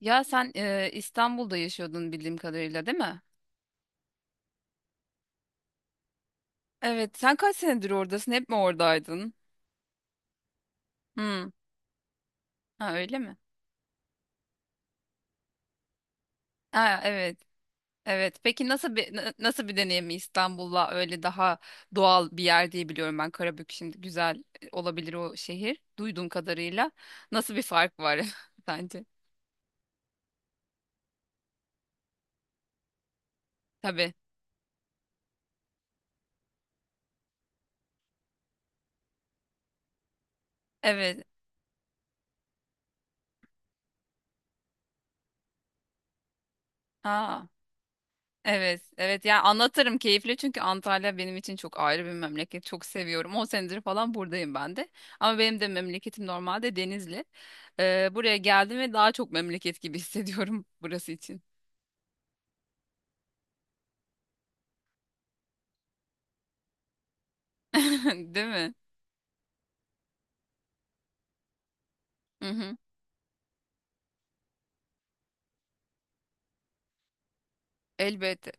Ya sen İstanbul'da yaşıyordun bildiğim kadarıyla değil mi? Evet. Sen kaç senedir oradasın? Hep mi oradaydın? Hmm. Ha öyle mi? Ha evet. Evet. Peki nasıl bir nasıl bir deneyim İstanbul'la öyle daha doğal bir yer diye biliyorum ben. Karabük şimdi güzel olabilir o şehir. Duyduğum kadarıyla nasıl bir fark var sence? Tabii. Evet. Aa. Evet, evet. Yani anlatırım keyifli çünkü Antalya benim için çok ayrı bir memleket. Çok seviyorum. 10 senedir falan buradayım ben de. Ama benim de memleketim normalde Denizli. Buraya geldim ve daha çok memleket gibi hissediyorum burası için. Değil mi? Hı hı. Elbette.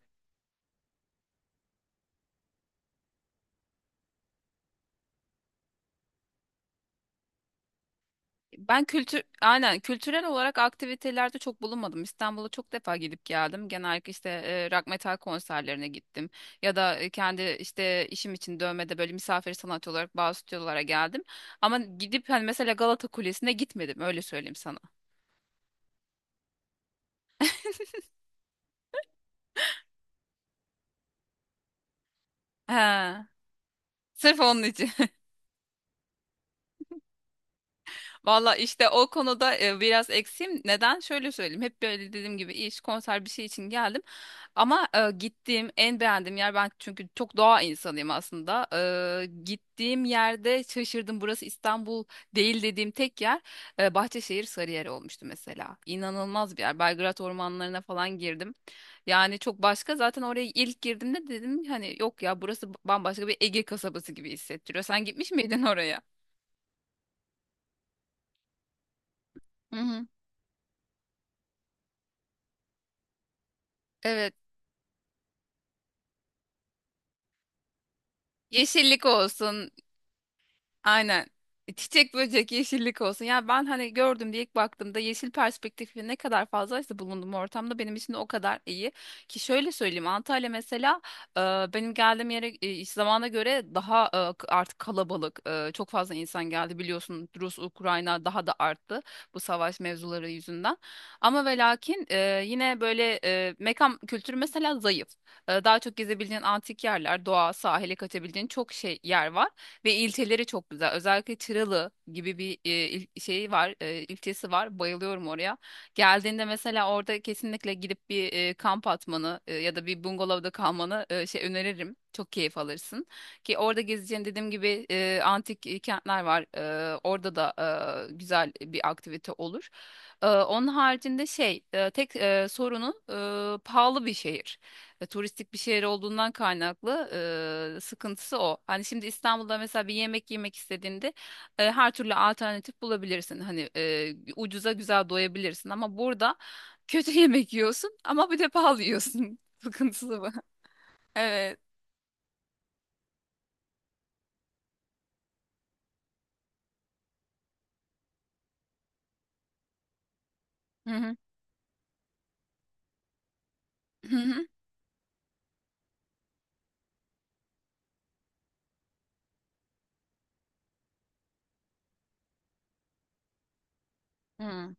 Ben aynen kültürel olarak aktivitelerde çok bulunmadım. İstanbul'a çok defa gidip geldim. Genellikle işte rock metal konserlerine gittim ya da kendi işte işim için dövmede böyle misafir sanatçı olarak bazı stüdyolara geldim. Ama gidip hani mesela Galata Kulesi'ne gitmedim, öyle söyleyeyim sana. He, sırf onun için. Valla işte o konuda biraz eksiğim. Neden? Şöyle söyleyeyim. Hep böyle dediğim gibi iş, konser bir şey için geldim. Ama gittiğim en beğendiğim yer, ben çünkü çok doğa insanıyım aslında. Gittiğim yerde şaşırdım. Burası İstanbul değil dediğim tek yer Bahçeşehir Sarıyer olmuştu mesela. İnanılmaz bir yer. Belgrad ormanlarına falan girdim. Yani çok başka. Zaten oraya ilk girdiğimde dedim hani yok ya, burası bambaşka bir Ege kasabası gibi hissettiriyor. Sen gitmiş miydin oraya? Hı hı. Evet. Yeşillik olsun. Aynen. Çiçek böcek yeşillik olsun. Ya ben hani gördüm diye ilk baktığımda yeşil perspektifi ne kadar fazlaysa bulunduğum ortamda benim için de o kadar iyi. Ki şöyle söyleyeyim, Antalya mesela e, benim geldiğim yere iş zamana göre daha artık kalabalık. Çok fazla insan geldi, biliyorsun, Rus, Ukrayna daha da arttı bu savaş mevzuları yüzünden. Ama ve lakin yine böyle mekan kültürü mesela zayıf. Daha çok gezebileceğin antik yerler, doğa, sahile kaçabileceğin çok şey yer var. Ve ilçeleri çok güzel. Özellikle Çıralı gibi bir şeyi var, ilçesi var. Bayılıyorum oraya. Geldiğinde mesela orada kesinlikle gidip bir kamp atmanı ya da bir bungalovda kalmanı şey öneririm. Çok keyif alırsın. Ki orada gezeceğin, dediğim gibi, antik kentler var. Orada da güzel bir aktivite olur. Onun haricinde şey, tek sorunu, pahalı bir şehir. Turistik bir şehir olduğundan kaynaklı sıkıntısı o. Hani şimdi İstanbul'da mesela bir yemek yemek istediğinde her türlü alternatif bulabilirsin. Hani ucuza güzel doyabilirsin ama burada kötü yemek yiyorsun, ama bir de pahalı yiyorsun. Sıkıntısı bu. Evet. Hı hı. Hı hı. Hı.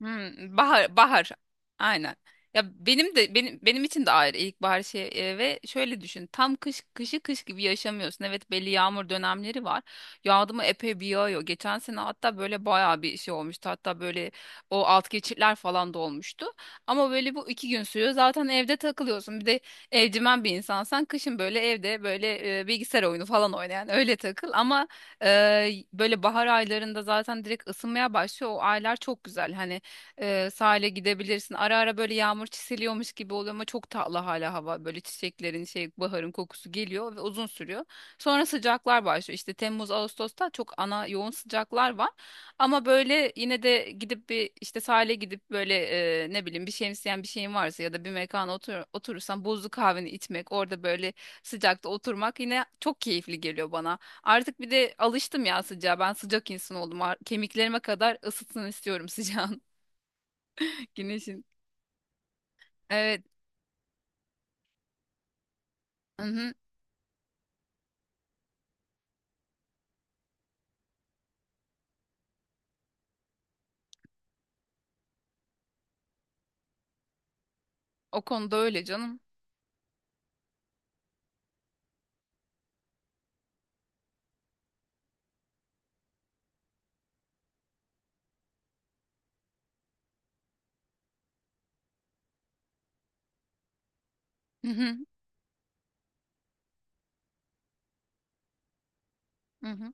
Bahar bahar. Aynen. Ya benim için de ayrı ilkbahar şey, ve şöyle düşün. Tam kışı kış gibi yaşamıyorsun. Evet, belli yağmur dönemleri var. Yağdı mı epey bir yağıyor. Geçen sene hatta böyle bayağı bir şey olmuştu. Hatta böyle o alt geçitler falan da olmuştu. Ama böyle bu iki gün sürüyor. Zaten evde takılıyorsun. Bir de evcimen bir insansan, kışın böyle evde böyle bilgisayar oyunu falan oynayan öyle takıl. Ama böyle bahar aylarında zaten direkt ısınmaya başlıyor. O aylar çok güzel. Hani sahile gidebilirsin. Ara ara böyle yağmur çiseliyormuş gibi oluyor ama çok tatlı hala hava. Böyle çiçeklerin şey baharın kokusu geliyor ve uzun sürüyor. Sonra sıcaklar başlıyor. İşte Temmuz, Ağustos'ta çok ana yoğun sıcaklar var. Ama böyle yine de gidip bir işte sahile gidip böyle ne bileyim, bir şemsiyen bir şeyin varsa ya da bir mekana oturursan buzlu kahveni içmek, orada böyle sıcakta oturmak yine çok keyifli geliyor bana. Artık bir de alıştım ya sıcağa. Ben sıcak insan oldum. Kemiklerime kadar ısıtsın istiyorum sıcağın. Güneşin. Evet. Hı-hı. O konuda öyle canım. Hı-hı. Hı-hı.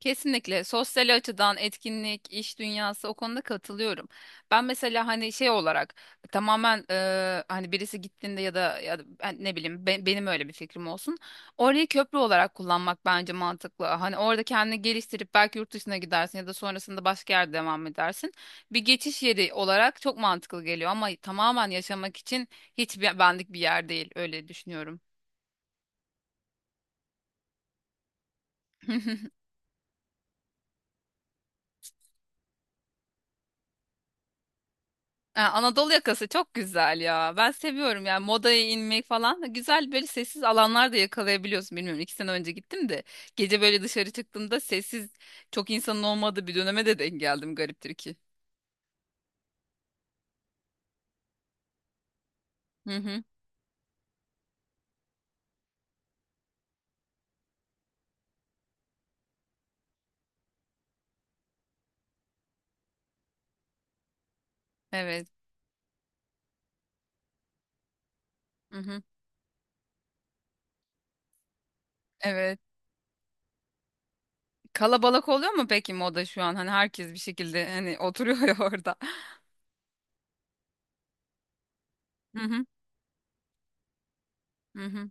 Kesinlikle sosyal açıdan etkinlik, iş dünyası, o konuda katılıyorum. Ben mesela hani şey olarak tamamen hani birisi gittiğinde ya da ben ne bileyim, benim öyle bir fikrim olsun. Orayı köprü olarak kullanmak bence mantıklı. Hani orada kendini geliştirip belki yurt dışına gidersin ya da sonrasında başka yerde devam edersin. Bir geçiş yeri olarak çok mantıklı geliyor ama tamamen yaşamak için hiç benlik bir yer değil, öyle düşünüyorum. Ha, Anadolu yakası çok güzel ya. Ben seviyorum yani modaya inmek falan. Güzel böyle sessiz alanlar da yakalayabiliyorsun. Bilmiyorum, iki sene önce gittim de gece böyle dışarı çıktığımda sessiz, çok insanın olmadığı bir döneme de denk geldim gariptir ki. Hı hı. Evet. Hı hı. Evet. Kalabalık oluyor mu peki moda şu an? Hani herkes bir şekilde hani oturuyor ya orada. Hı hı. Hı hı.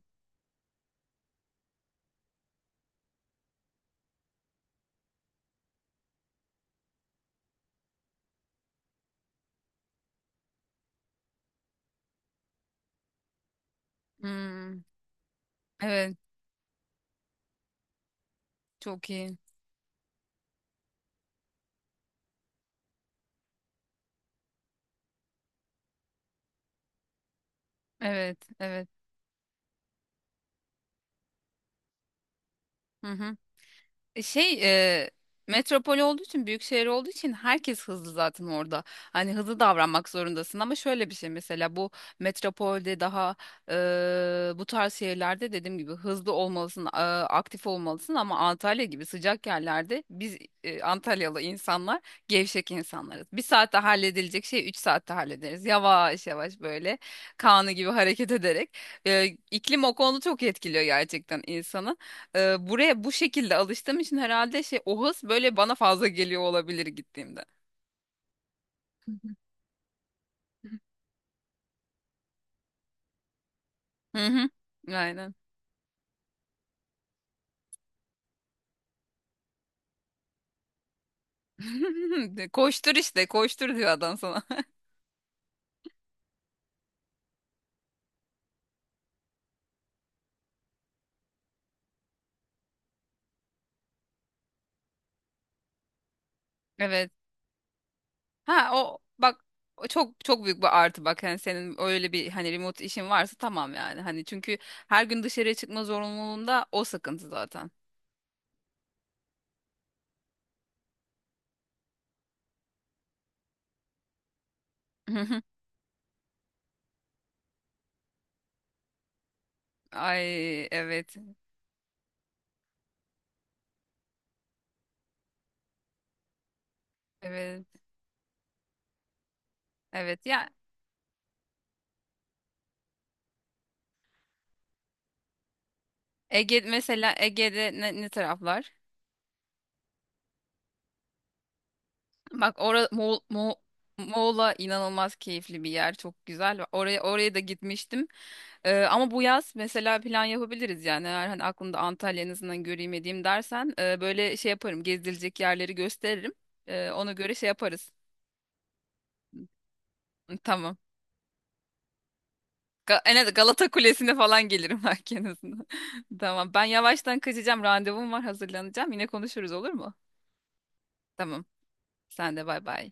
Hmm. Evet. Çok iyi. Evet. Evet. Hı hı. Şey e, metropol olduğu için, büyük şehir olduğu için herkes hızlı zaten orada. Hani hızlı davranmak zorundasın, ama şöyle bir şey mesela, bu metropolde daha, bu tarz şehirlerde, dediğim gibi, hızlı olmalısın, aktif olmalısın, ama Antalya gibi sıcak yerlerde biz, Antalyalı insanlar gevşek insanlarız. Bir saatte halledilecek şey 3 saatte hallederiz. Yavaş yavaş böyle kanı gibi hareket ederek. E, iklim o konuda çok etkiliyor gerçekten insanı, buraya bu şekilde alıştığım için herhalde şey, o hız böyle bana fazla geliyor olabilir gittiğimde. Hı hı. Aynen. Koştur işte, koştur diyor adam sana. Evet. Ha o bak, o çok çok büyük bir artı bak, hani senin öyle bir hani remote işin varsa tamam yani. Hani çünkü her gün dışarıya çıkma zorunluluğunda o sıkıntı zaten. Ay evet. Evet. Evet ya. Ege mesela, Ege'de ne taraflar? Bak orada Moğol'a, inanılmaz keyifli bir yer. Çok güzel. Oraya da gitmiştim. Ama bu yaz mesela plan yapabiliriz yani. Eğer hani aklımda Antalya, en azından göreyim edeyim dersen böyle şey yaparım. Gezilecek yerleri gösteririm. Ona göre şey yaparız. Tamam. En az Galata Kulesi'ne falan gelirim belki, en azından. Tamam. Ben yavaştan kaçacağım. Randevum var. Hazırlanacağım. Yine konuşuruz olur mu? Tamam. Sen de bay bay.